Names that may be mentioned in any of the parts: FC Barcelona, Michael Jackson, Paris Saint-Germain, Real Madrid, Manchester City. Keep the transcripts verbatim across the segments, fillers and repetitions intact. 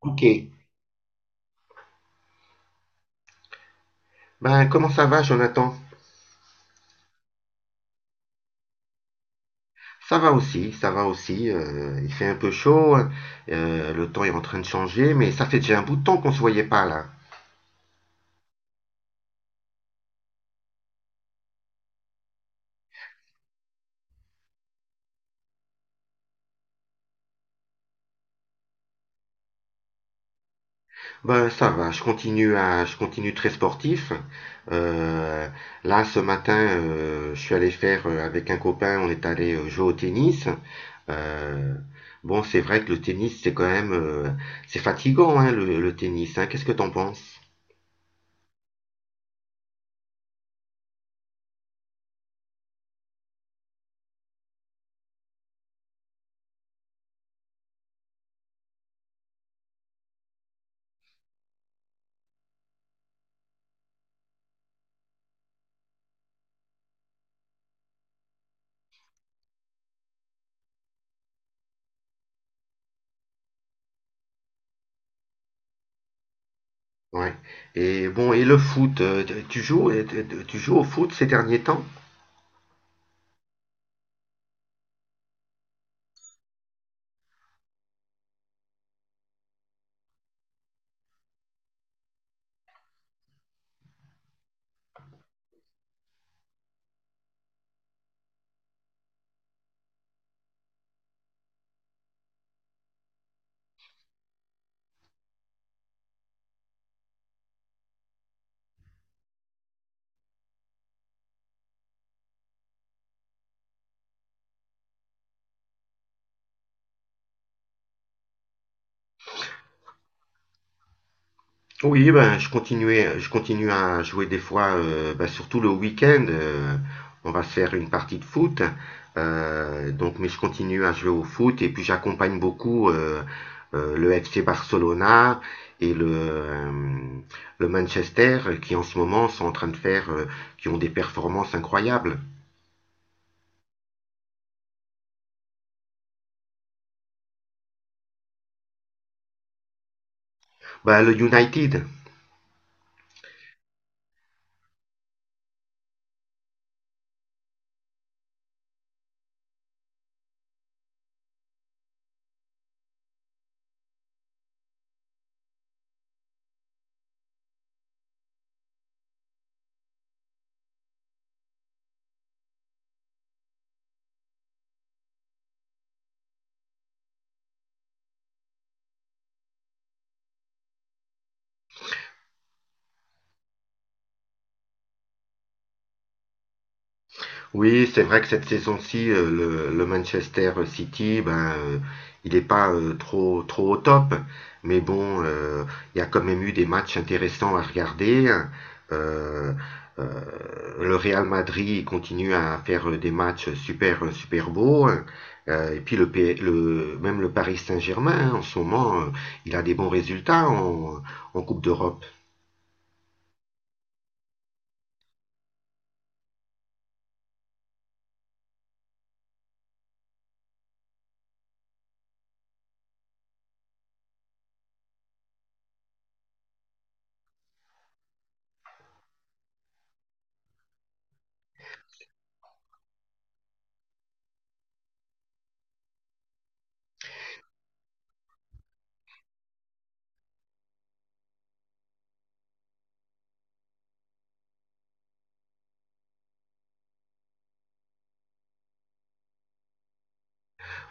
Ok. Ben, comment ça va, Jonathan? Ça va aussi, ça va aussi. Euh, il fait un peu chaud, hein. Euh, le temps est en train de changer, mais ça fait déjà un bout de temps qu'on se voyait pas là. Ben, ça va, je continue à, je continue très sportif. Euh, Là, ce matin, euh, je suis allé faire euh, avec un copain, on est allé euh, jouer au tennis. Euh, bon, c'est vrai que le tennis, c'est quand même, euh, c'est fatigant, hein, le, le tennis, hein. Qu'est-ce que t'en penses? Ouais. Et bon, et le foot, euh, tu joues, euh, tu joues au foot ces derniers temps? Oui, ben je continuais, je continue à jouer des fois, euh, ben, surtout le week-end. Euh, on va se faire une partie de foot. Euh, donc, mais je continue à jouer au foot et puis j'accompagne beaucoup euh, euh, le F C Barcelona et le, euh, le Manchester qui en ce moment sont en train de faire, euh, qui ont des performances incroyables. Ben, le United. Oui, c'est vrai que cette saison-ci, euh, le, le Manchester City, ben, euh, il n'est pas euh, trop, trop au top. Mais bon, euh, il y a quand même eu des matchs intéressants à regarder, hein. Euh, euh, le Real Madrid continue à faire euh, des matchs super, euh, super beaux, hein. Euh, et puis le, P- le, même le Paris Saint-Germain, hein, en ce moment, euh, il a des bons résultats en, en Coupe d'Europe.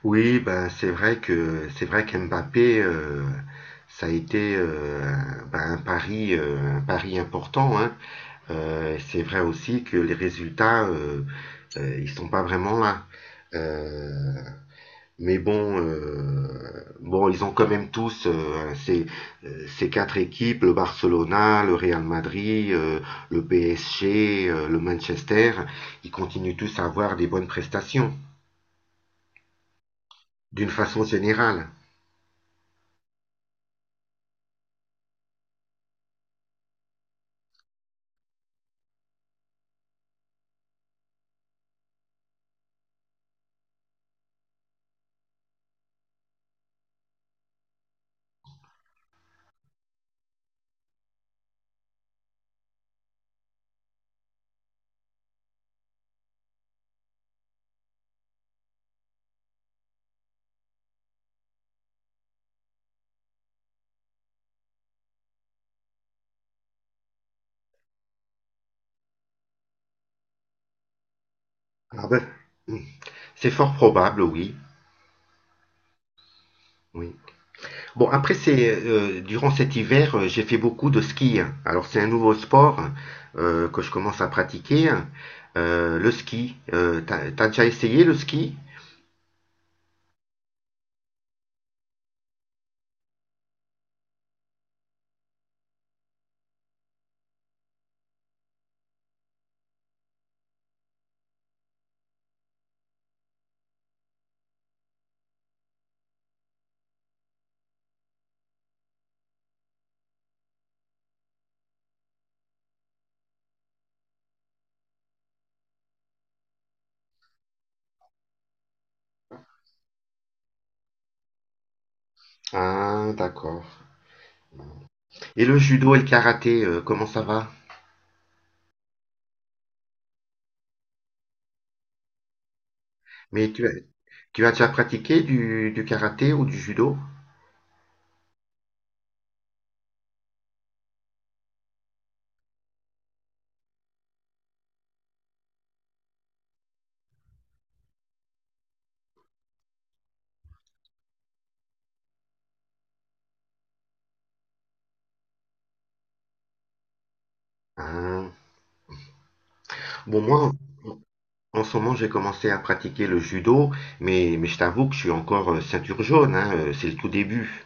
Oui, ben c'est vrai que c'est vrai qu'Mbappé, euh, ça a été euh, un- ben, un pari, euh, un pari important, hein. Euh, c'est vrai aussi que les résultats, euh, euh, ils sont pas vraiment là. Euh, mais bon, euh, bon, ils ont quand même tous euh, ces, euh, ces quatre équipes, le Barcelona, le Real Madrid, euh, le P S G, euh, le Manchester, ils continuent tous à avoir des bonnes prestations, d'une façon générale. Ah ben, oui, c'est fort probable, oui. Oui. Bon, après, c'est euh, durant cet hiver, euh, j'ai fait beaucoup de ski, hein. Alors, c'est un nouveau sport, hein, euh, que je commence à pratiquer, hein. Euh, le ski. Euh, t'as, t'as déjà essayé le ski? Ah, d'accord. Et le judo et le karaté, euh, comment ça va? Mais tu as, tu as déjà pratiqué du, du karaté ou du judo? Ah. Bon, moi, en ce moment, j'ai commencé à pratiquer le judo, mais, mais je t'avoue que je suis encore euh, ceinture jaune, hein, euh, c'est le tout début.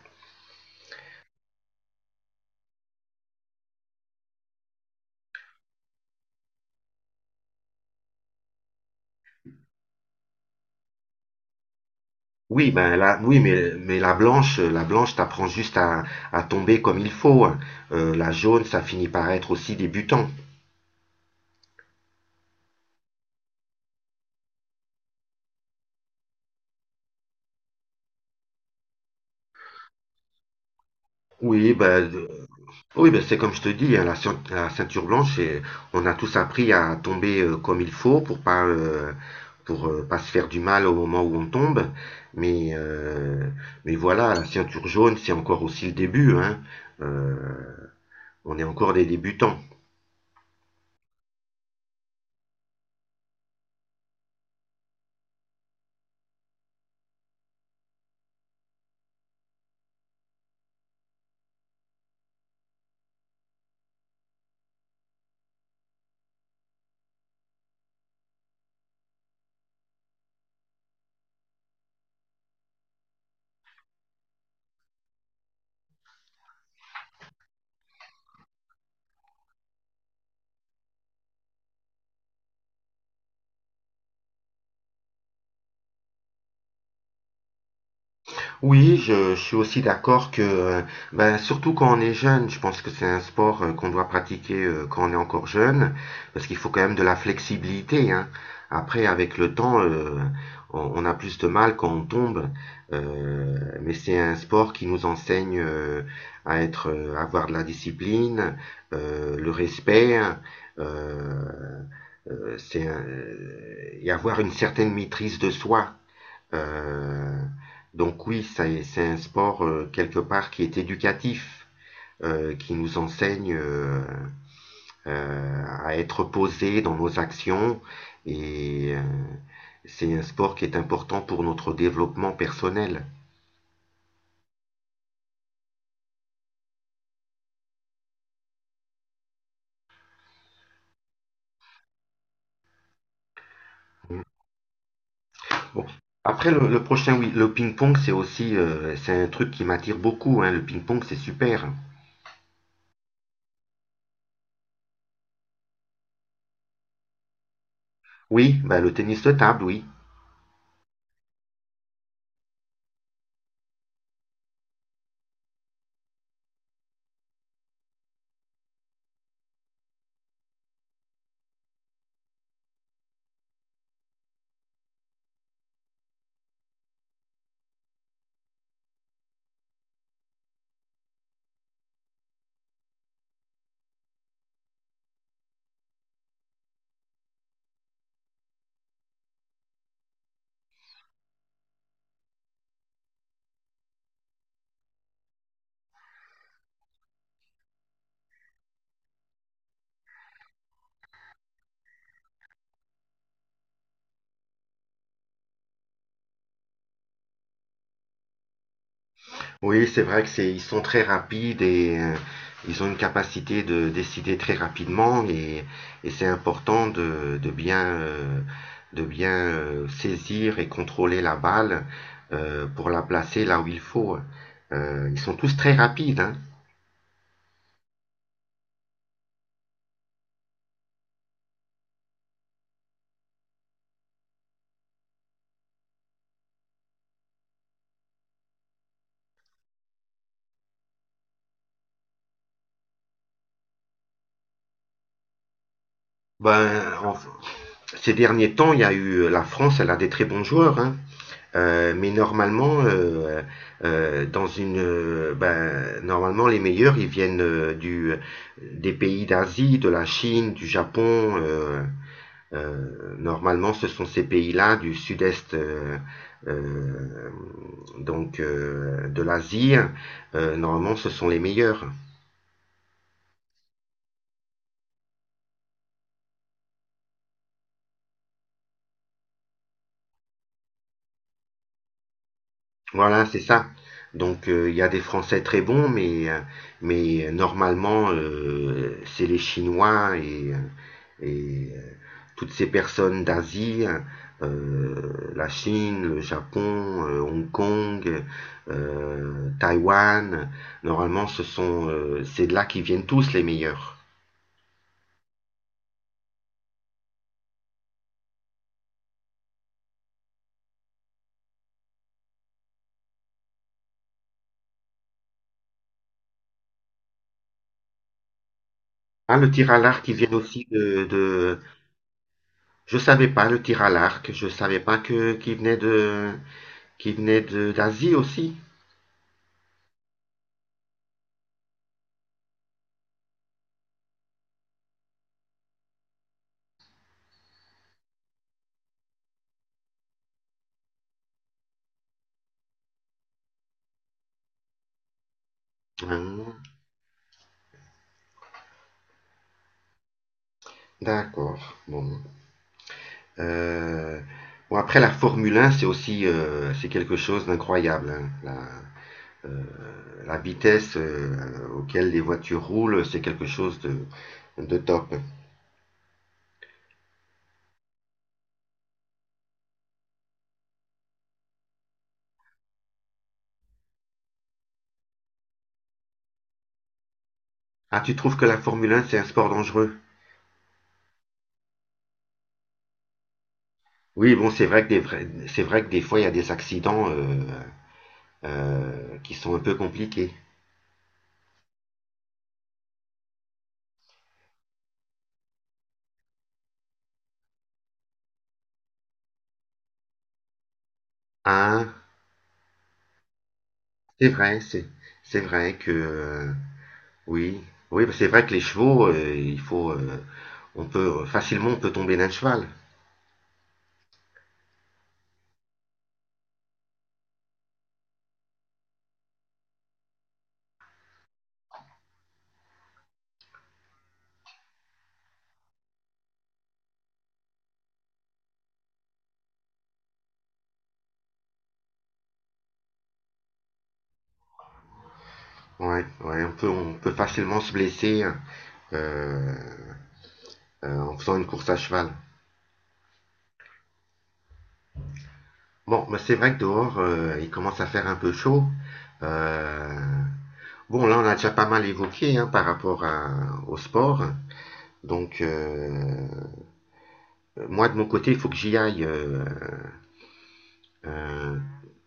Oui, ben là, oui, mais, mais la blanche, euh, la blanche t'apprend juste à, à tomber comme il faut, hein. Euh, la jaune, ça finit par être aussi débutant. Oui, ben, de- oui, ben c'est comme je te dis, hein, la, ceint- la ceinture blanche, c'est, on a tous appris à tomber euh, comme il faut pour pas, euh, pour euh, pas se faire du mal au moment où on tombe. Mais, euh, mais voilà, la ceinture jaune, c'est encore aussi le début, hein. Euh, on est encore des débutants. Oui, je, je suis aussi d'accord que, euh, ben, surtout quand on est jeune, je pense que c'est un sport euh, qu'on doit pratiquer euh, quand on est encore jeune, parce qu'il faut quand même de la flexibilité, hein. Après, avec le temps, euh, on, on a plus de mal quand on tombe, euh, mais c'est un sport qui nous enseigne euh, à être, euh, à avoir de la discipline, euh, le respect, hein. euh, euh, c'est un- euh, et avoir une certaine maîtrise de soi. Euh, donc oui, c'est un sport euh, quelque part qui est éducatif, euh, qui nous enseigne euh, euh, à être posé dans nos actions et euh, c'est un sport qui est important pour notre développement personnel. Bon. Après le, le prochain, oui, le ping-pong, c'est aussi euh, c'est un truc qui m'attire beaucoup, hein. Le ping-pong, c'est super. Oui, bah, le tennis de table, oui. Oui, c'est vrai que c'est, ils sont très rapides et euh, ils ont une capacité de décider très rapidement et, et c'est important de, de bien, euh, de bien euh, saisir et contrôler la balle euh, pour la placer là où il faut. Euh, ils sont tous très rapides, hein. Ben, en- ces derniers temps, il y a eu la France, elle a des très bons joueurs, hein. Euh, mais normalement, euh, euh, dans une, euh, ben, normalement les meilleurs, ils viennent euh, du, des pays d'Asie, de la Chine, du Japon. Euh, euh, normalement, ce sont ces pays-là du sud-est, euh, euh, donc euh, de l'Asie. Euh, normalement, ce sont les meilleurs. Voilà, c'est ça. Donc euh, il y a des Français très bons, mais, euh, mais euh, normalement, euh, c'est les Chinois et, euh, et, euh, toutes ces personnes d'Asie, euh, la Chine, le Japon, euh, Hong Kong, euh, Taïwan, normalement, ce sont, euh, c'est de là qu'ils viennent tous les meilleurs. Ah, le tir à l'arc, ils viennent aussi de, de... Je savais pas, le tir à l'arc, je savais pas que qu'il venait de, qu'il venait de d'Asie aussi. Ah, d'accord. Bon. Euh, bon, après, la Formule un, c'est aussi euh, c'est quelque chose d'incroyable, hein. La, euh, la vitesse euh, auquel les voitures roulent, c'est quelque chose de, de top. Ah, tu trouves que la Formule un, c'est un sport dangereux? Oui, bon, c'est vrai que des vrais- c'est vrai que des fois, il y a des accidents euh, euh, qui sont un peu compliqués. Ah, c'est vrai, c'est c'est vrai que... euh, Oui, oui, bah, c'est vrai que les chevaux, euh, il faut, euh, on peut euh, facilement, on peut tomber d'un cheval. Ouais, ouais, on peut, on peut facilement se blesser euh, euh, en faisant une course à cheval. Bon, mais c'est vrai que dehors, euh, il commence à faire un peu chaud. Euh, bon, là, on a déjà pas mal évoqué, hein, par rapport à- au sport. Donc, euh, moi de mon côté, il faut que j'y aille. euh, Euh,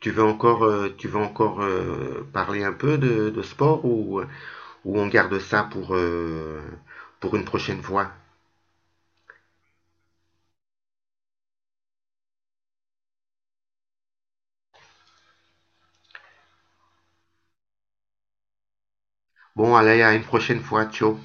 Tu veux encore, euh, tu veux encore euh, parler un peu de, de sport ou, ou on garde ça pour, euh, pour une prochaine fois? Bon, allez, à une prochaine fois. Ciao.